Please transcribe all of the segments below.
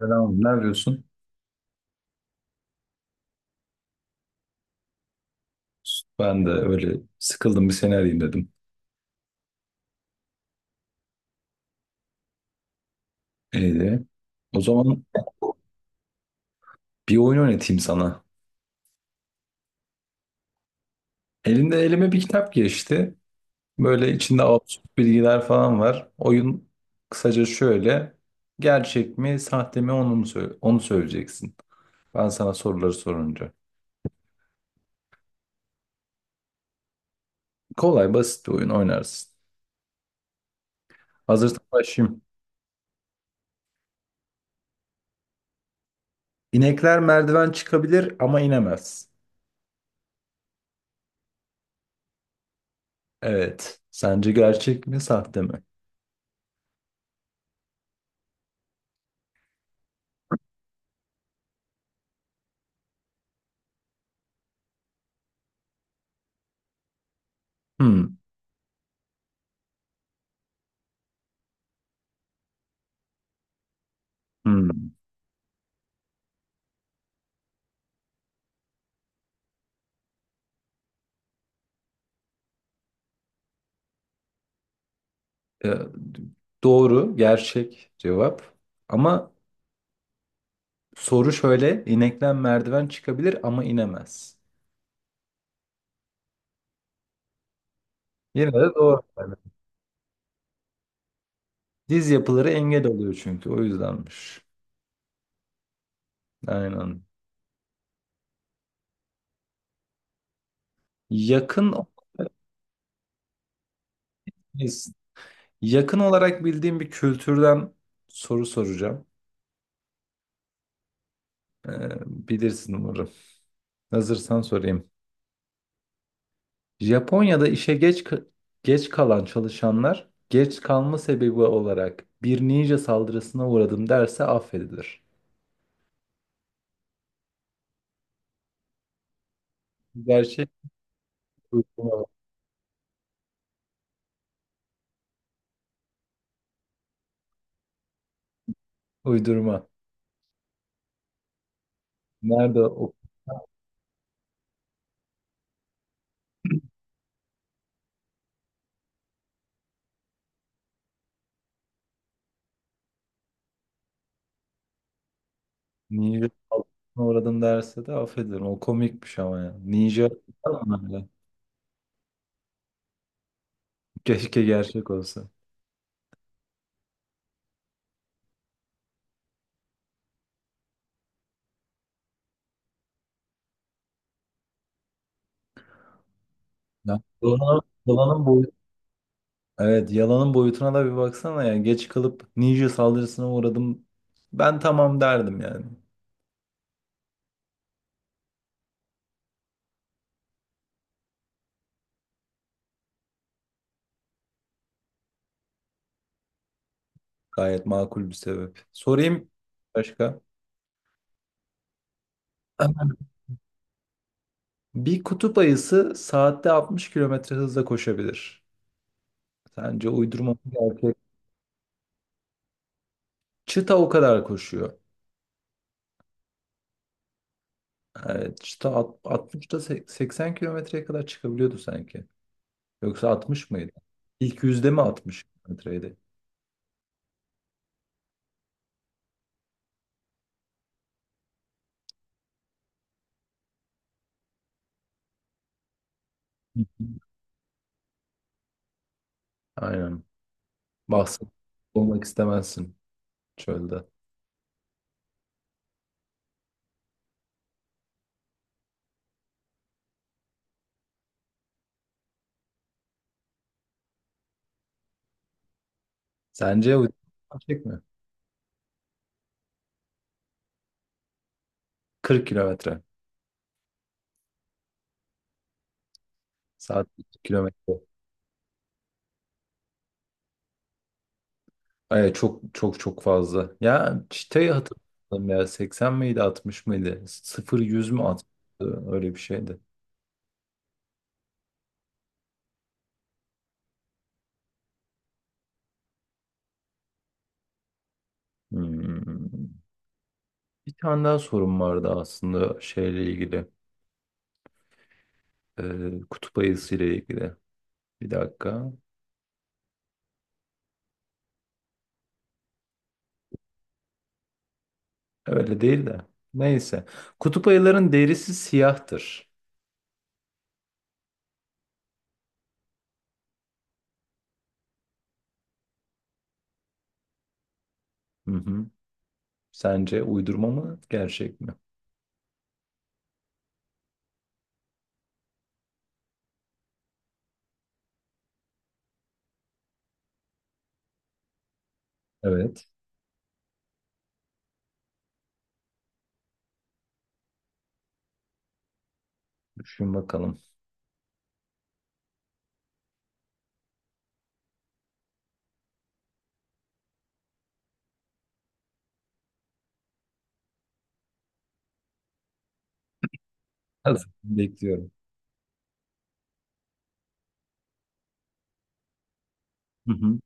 Selam, ne yapıyorsun? Ben de öyle sıkıldım, bir seni arayayım dedim. İyiydi. O zaman bir oyun oynatayım sana. Elime bir kitap geçti. Böyle içinde absürt bilgiler falan var. Oyun kısaca şöyle. Gerçek mi, sahte mi, onu mu onu söyleyeceksin. Ben sana soruları sorunca. Kolay, basit bir oyun oynarsın. Hazırsan başlayayım. İnekler merdiven çıkabilir ama inemez. Evet. Sence gerçek mi, sahte mi? Hmm. Hmm. Ee, doğru, gerçek cevap. Ama soru şöyle, inekten merdiven çıkabilir ama inemez. Yine de doğru. Yani diz yapıları engel oluyor çünkü, o yüzdenmiş. Aynen. Yakın yakın olarak bildiğim bir kültürden soru soracağım. Ee, Bilirsin umarım. Hazırsan sorayım. Japonya'da işe geç kalan çalışanlar, geç kalma sebebi olarak "bir ninja saldırısına uğradım" derse affedilir. Gerçek, uydurma. Uydurma. Nerede o "ninja saldırısına uğradım derse de affederim". O komikmiş ama ya. Ninja falan öyle. Keşke gerçek olsa. Ya, yalanın boyutu. Evet, yalanın boyutuna da bir baksana ya. Geç kalıp "ninja saldırısına uğradım". Ben tamam derdim yani. Gayet makul bir sebep. Sorayım başka. Bir kutup ayısı saatte 60 kilometre hızla koşabilir. Sence uydurma mı, gerçek? Çita o kadar koşuyor. Evet, işte 60'da 80 kilometreye kadar çıkabiliyordu sanki. Yoksa 60 mıydı? İlk yüzde mi 60 kilometreydi? Hı hı. Aynen. Bahset, olmak istemezsin çölde. Sence bu gerçek mi? 40 kilometre. Saat 40 kilometre. Ay, çok çok çok fazla. Ya, çıtayı hatırladım ya. 80 miydi, 60 mıydı? 0 100 mü, 60? Öyle bir şeydi. Hmm. Bir tane daha sorum vardı aslında şeyle ilgili. Kutup ayısı ile ilgili. Bir dakika. Öyle değil de. Neyse. Kutup ayıların derisi siyahtır. Hı hı. Sence uydurma mı, gerçek mi? Evet. Düşün bakalım. Hazır. Bekliyorum. Hı hı.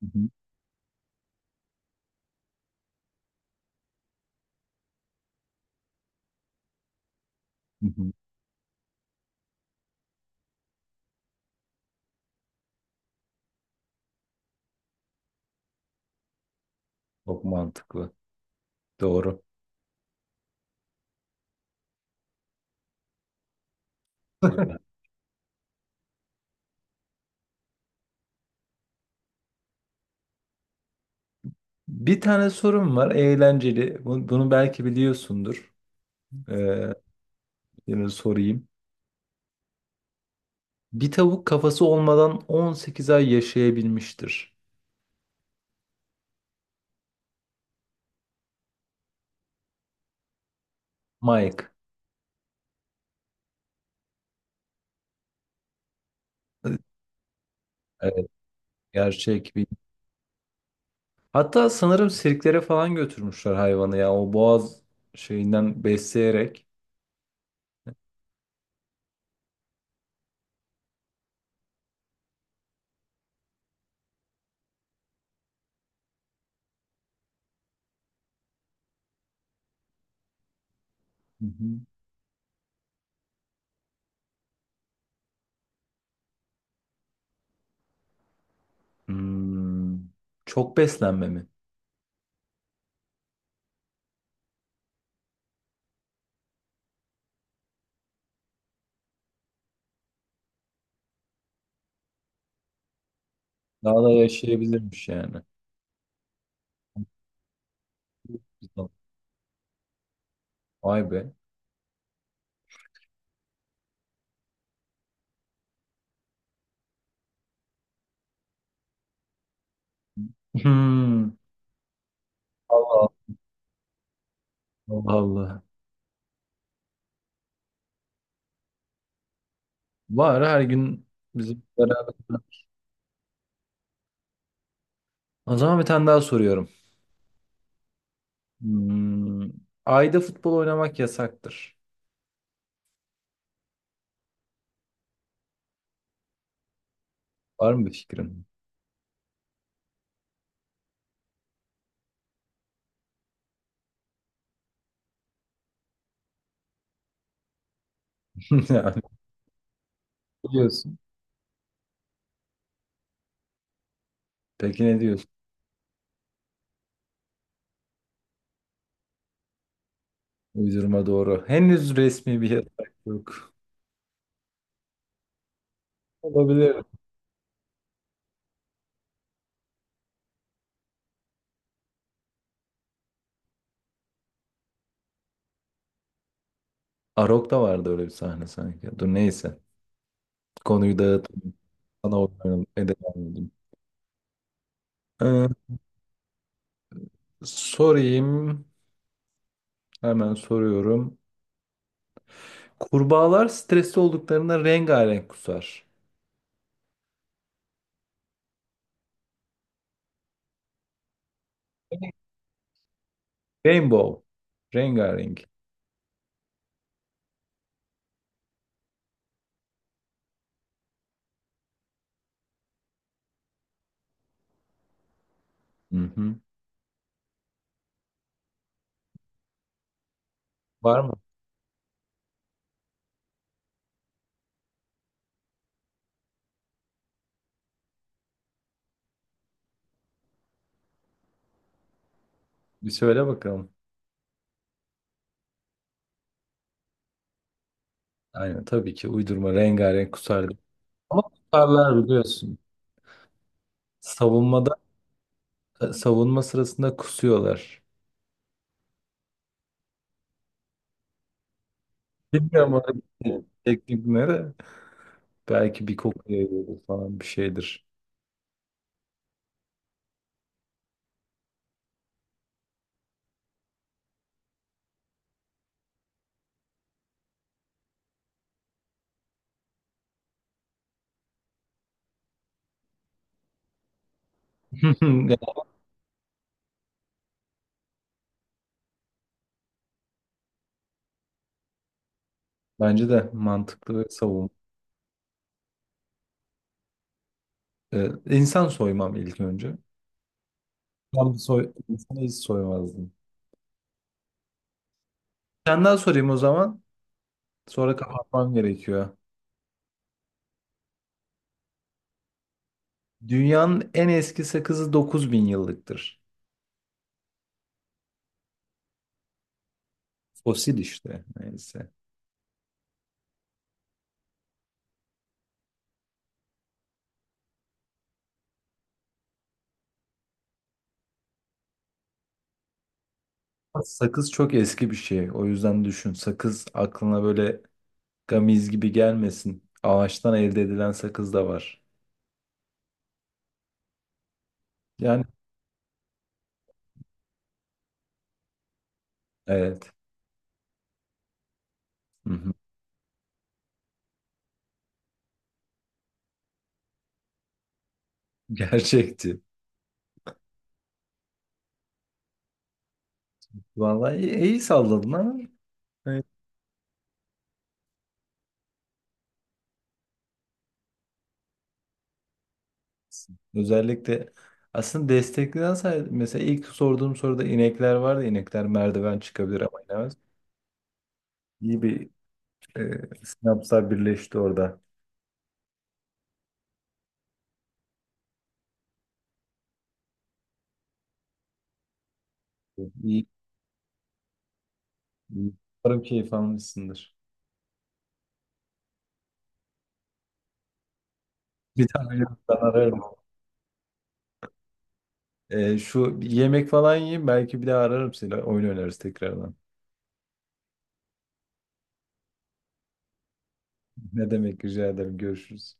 Hı hı. Hı hı. Çok mantıklı. Doğru. Bir tane sorum var. Eğlenceli. Bunu belki biliyorsundur. Ee, Yine sorayım. Bir tavuk, kafası olmadan 18 ay yaşayabilmiştir. Mike. Evet, gerçek. Hatta sanırım sirklere falan götürmüşler hayvanı ya. O boğaz şeyinden besleyerek. Hı hı. Hmm, Çok beslenme mi? Daha da yaşayabilirmiş yani. Vay be. Hmm, Allah Allah. Allah. Var her gün bizim beraber. O zaman bir tane daha soruyorum. Hmm, Ayda futbol oynamak yasaktır. Var mı bir fikrin? Biliyorsun. Peki ne diyorsun? Uydurma, doğru. Henüz resmi bir yasak yok. Olabilir. Arok'ta vardı öyle bir sahne sanki. Dur, neyse. Konuyu dağıtıp sana oynayalım. Devam edeyim. Ee, Sorayım. Hemen soruyorum. Kurbağalar stresli olduklarında rengarenk kusar. Rainbow. Rengarenk. Hı hı. Var mı? Bir söyle bakalım. Aynen, tabii ki uydurma rengarenk kusar. Ama kusarlar biliyorsun. Savunmada savunma sırasında kusuyorlar. Bilmiyorum oradaki teknikleri. Belki bir koku yayıyordur falan, bir şeydir. Yani, bence de mantıklı ve savun. İnsan soymam ilk önce. Ben insanı hiç soymazdım. Senden sorayım o zaman. Sonra kapatmam gerekiyor. Dünyanın en eski sakızı 9.000 yıllıktır. Fosil işte, neyse. Sakız çok eski bir şey. O yüzden düşün. Sakız aklına böyle gamiz gibi gelmesin. Ağaçtan elde edilen sakız da var. Yani evet. Hı hı. Gerçekti. Vallahi iyi, iyi salladın ama evet. Özellikle aslında destekleyen say, mesela ilk sorduğum soruda inekler vardı. İnekler merdiven çıkabilir ama inemez. İyi bir sinapslar birleşti orada. İyi, iyi. Umarım keyif almışsındır. Bir daha ben ararım. Şu, bir yemek falan yiyeyim, belki bir daha ararım seni. Oyun oynarız tekrardan. Ne demek, rica ederim. Görüşürüz.